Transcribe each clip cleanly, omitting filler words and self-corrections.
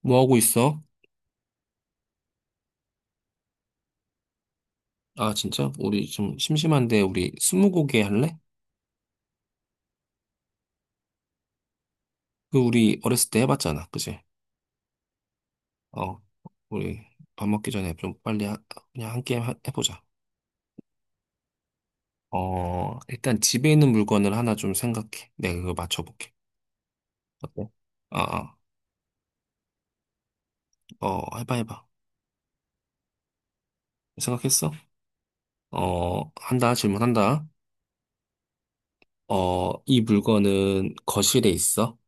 뭐 하고 있어? 아, 진짜? 우리 좀 심심한데, 우리 스무고개 할래? 그, 우리 어렸을 때 해봤잖아. 그지? 어, 우리 밥 먹기 전에 좀 빨리 그냥 한 게임 해보자. 일단 집에 있는 물건을 하나 좀 생각해. 내가 그거 맞춰볼게. 어때? 아, 아, 해봐, 해봐. 생각했어? 한다, 질문한다. 이 물건은 거실에 있어?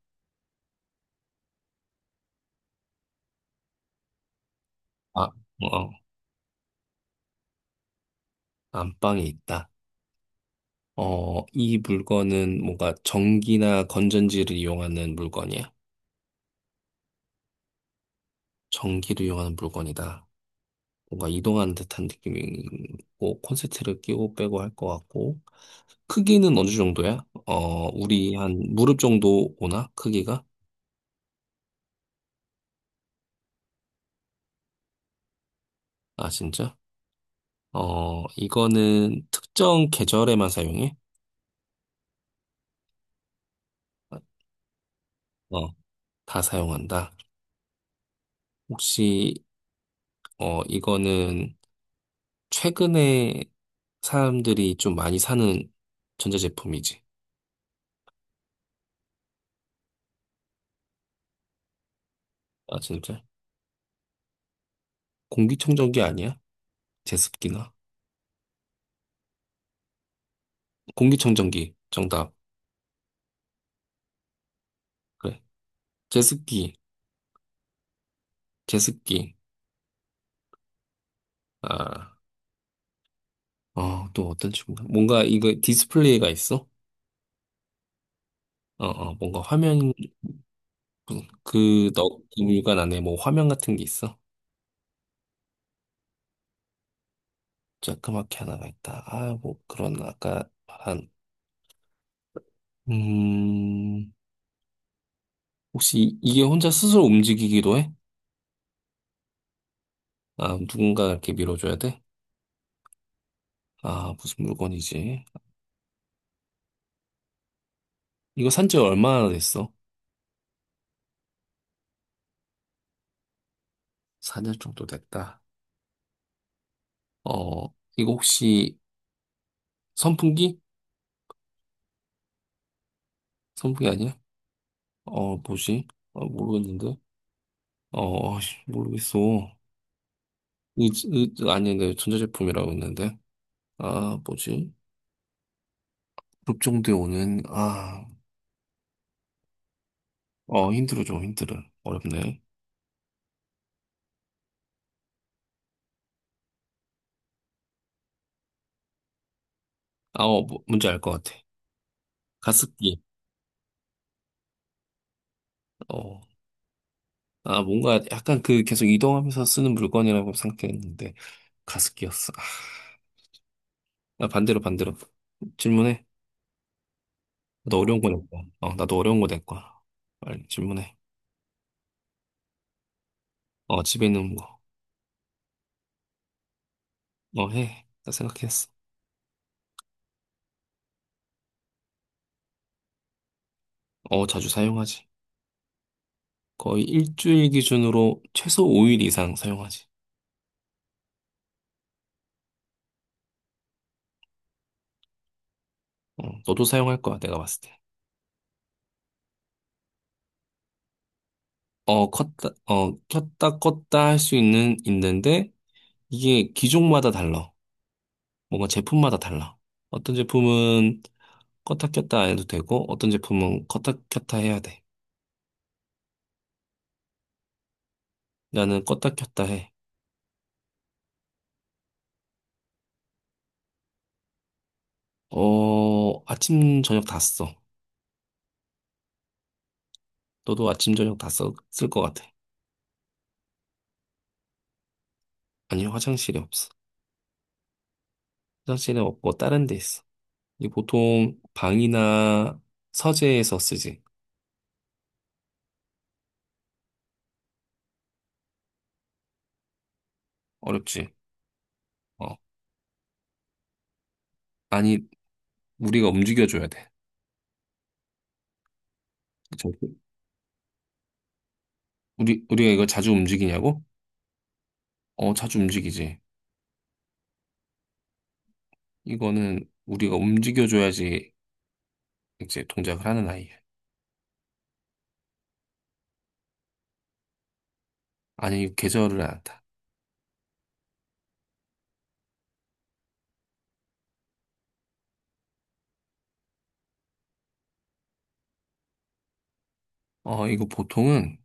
아, 어, 안방에 있다. 이 물건은 뭔가 전기나 건전지를 이용하는 물건이야? 전기를 이용하는 물건이다. 뭔가 이동하는 듯한 느낌이고, 콘센트를 끼고 빼고 할 것 같고, 크기는 어느 정도야? 우리 한 무릎 정도 오나? 크기가? 아, 진짜? 이거는 특정 계절에만 사용해? 어, 다 사용한다. 혹시, 이거는 최근에 사람들이 좀 많이 사는 전자제품이지? 아, 진짜? 공기청정기 아니야? 제습기나? 공기청정기. 정답. 그래. 제습기. 제습기. 아, 또 어떤 친구가? 뭔가 이거 디스플레이가 있어? 뭔가 화면, 그, 너, 그 물관 안에 뭐 화면 같은 게 있어? 자그맣게 하나가 있다. 아, 뭐 그런 아까 말한, 음, 혹시 이게 혼자 스스로 움직이기도 해? 아, 누군가 이렇게 밀어줘야 돼? 아, 무슨 물건이지? 이거 산지 얼마나 됐어? 4년 정도 됐다. 어, 이거 혹시 선풍기? 선풍기 아니야? 뭐지? 모르겠는데. 아이씨, 모르겠어. 아니데 전자제품이라고 했는데. 아, 뭐지? 급종대 오는, 아, 힘들어, 좀 힘들어. 어렵네. 아, 뭐, 뭔지 알 것 같아. 가습기. 어, 뭔가 약간 그 계속 이동하면서 쓰는 물건이라고 생각했는데, 가습기였어. 아, 나 반대로, 반대로. 질문해. 너 어려운 거 낼 거야. 나도 어려운 거 낼 거야. 빨리 질문해. 집에 있는 거. 해. 나 생각했어. 자주 사용하지. 거의 일주일 기준으로 최소 5일 이상 사용하지. 너도 사용할 거야, 내가 봤을 때. 켰다 껐다 할 수 있는, 있는데, 이게 기종마다 달라. 뭔가 제품마다 달라. 어떤 제품은 껐다 켰다 안 해도 되고, 어떤 제품은 껐다 켰다 해야 돼. 나는 껐다 켰다 해. 아침, 저녁 다 써. 너도 아침, 저녁 다 써, 쓸 것 같아. 아니, 화장실이 없어. 화장실은 없고 다른 데 있어. 이 보통 방이나 서재에서 쓰지. 어렵지. 어. 아니, 우리가 움직여줘야 돼. 저- 우리, 우리가 이걸 자주 움직이냐고? 자주 움직이지. 이거는 우리가 움직여줘야지 이제 동작을 하는 아이야. 아니, 이거 계절을 안 한다. 이거 보통은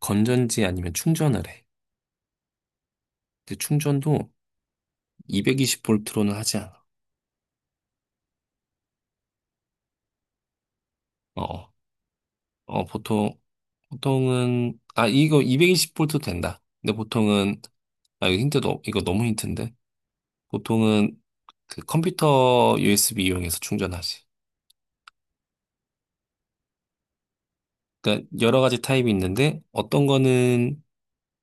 건전지 아니면 충전을 해. 근데 충전도 220볼트로는 하지 않아. 어, 어, 어, 보통, 보통은, 이거 220볼트 된다. 근데 보통은 아, 이거 힌트도, 이거 너무 힌트인데? 보통은 그 컴퓨터 USB 이용해서 충전하지. 그러니까 여러 가지 타입이 있는데, 어떤 거는,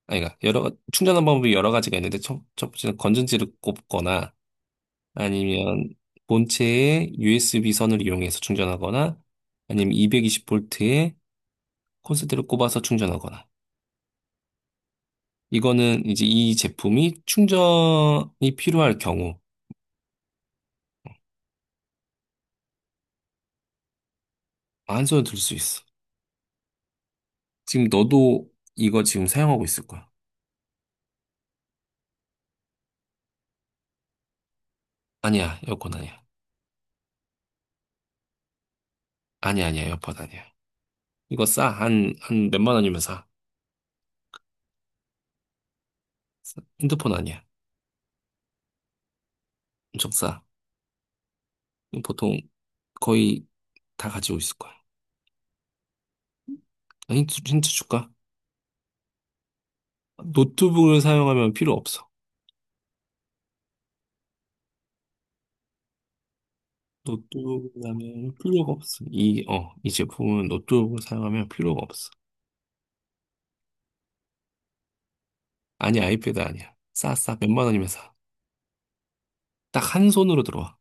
아니, 그러니까 여러, 충전하는 방법이 여러 가지가 있는데, 첫 번째는 건전지를 꼽거나, 아니면 본체에 USB 선을 이용해서 충전하거나, 아니면 220볼트에 콘센트를 꼽아서 충전하거나. 이거는 이제 이 제품이 충전이 필요할 경우, 한 손에 들 수 있어. 지금 너도 이거 지금 사용하고 있을 거야. 아니야, 에어컨 아니야. 아니야, 아니야, 에어팟 아니야. 이거 싸. 한 몇만 원이면 싸. 싸. 핸드폰 아니야. 엄청 싸. 보통 거의 다 가지고 있을 거야. 아, 힌트 줄까? 노트북을 사용하면 필요 없어. 노트북을 하면 필요가 없어. 이 제품은 노트북을 사용하면 필요가 없어. 아니, 아이패드 아니야. 싸, 싸. 몇만 원이면 싸. 딱 한 손으로 들어와.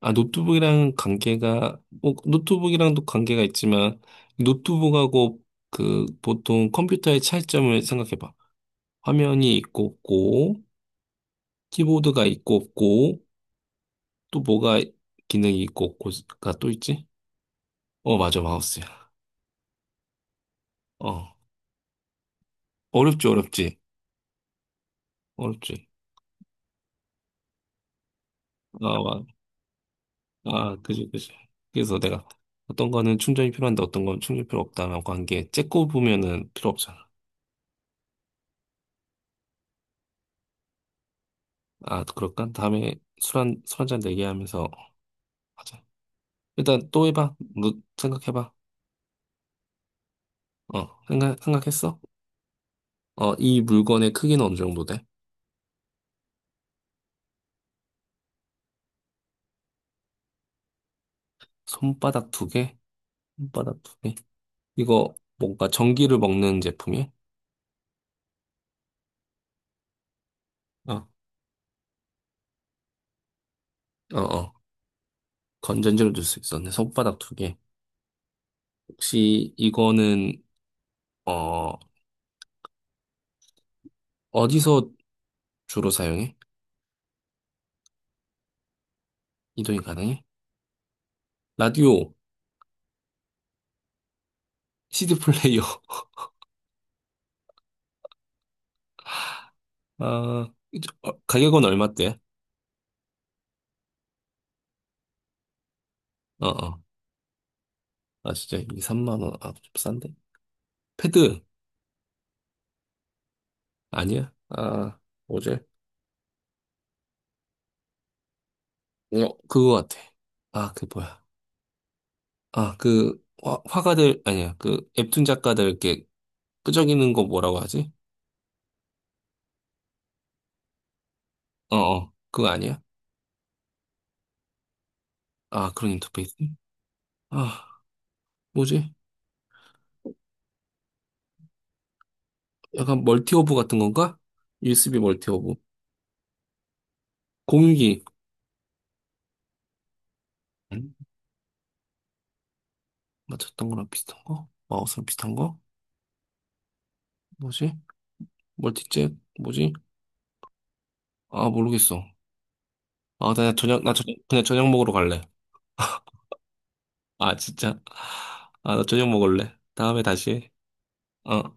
아, 노트북이랑 관계가, 뭐, 노트북이랑도 관계가 있지만, 노트북하고 그 보통 컴퓨터의 차이점을 생각해봐. 화면이 있고 없고, 키보드가 있고 없고, 또 뭐가 기능이 있고 없고가 또 있지? 맞아, 마우스야. 어, 어렵지, 어렵지, 어렵지. 아, 와. 아, 그지, 그지. 그래서 내가 어떤 거는 충전이 필요한데 어떤 건 충전 필요 없다라고 한 게, 째꼬 보면은 필요 없잖아. 아, 그럴까? 다음에 술 한잔 내기 하면서 하자. 일단 또 해봐. 너 생각해봐. 생각했어? 이 물건의 크기는 어느 정도 돼? 손바닥 두 개? 손바닥 두 개? 이거 뭔가 전기를 먹는 제품이야? 어, 어, 어. 건전지를 넣을 수 있었네. 손바닥 두 개. 혹시 이거는, 어, 어디서 주로 사용해? 이동이 가능해? 라디오, CD 플레이어. 아, 이제, 가격은 얼마대? 어, 어. 아, 진짜, 이 3만 원. 아, 좀 싼데? 패드? 아니야? 아, 뭐지? 그거 같아. 아, 그 뭐야. 아, 그 화가들 아니야. 그 웹툰 작가들 이렇게 끄적이는 거 뭐라고 하지? 어, 어. 그거 아니야? 아, 그런 인터페이스? 아, 뭐지? 약간 멀티허브 같은 건가? USB 멀티허브. 공유기. 음, 맞췄던 거랑 비슷한 거? 마우스랑 비슷한 거? 뭐지? 멀티잭? 뭐지? 아, 모르겠어. 아, 그냥 저녁 먹으러 갈래. 아, 진짜? 아, 나 저녁 먹을래. 다음에 다시 해. 어.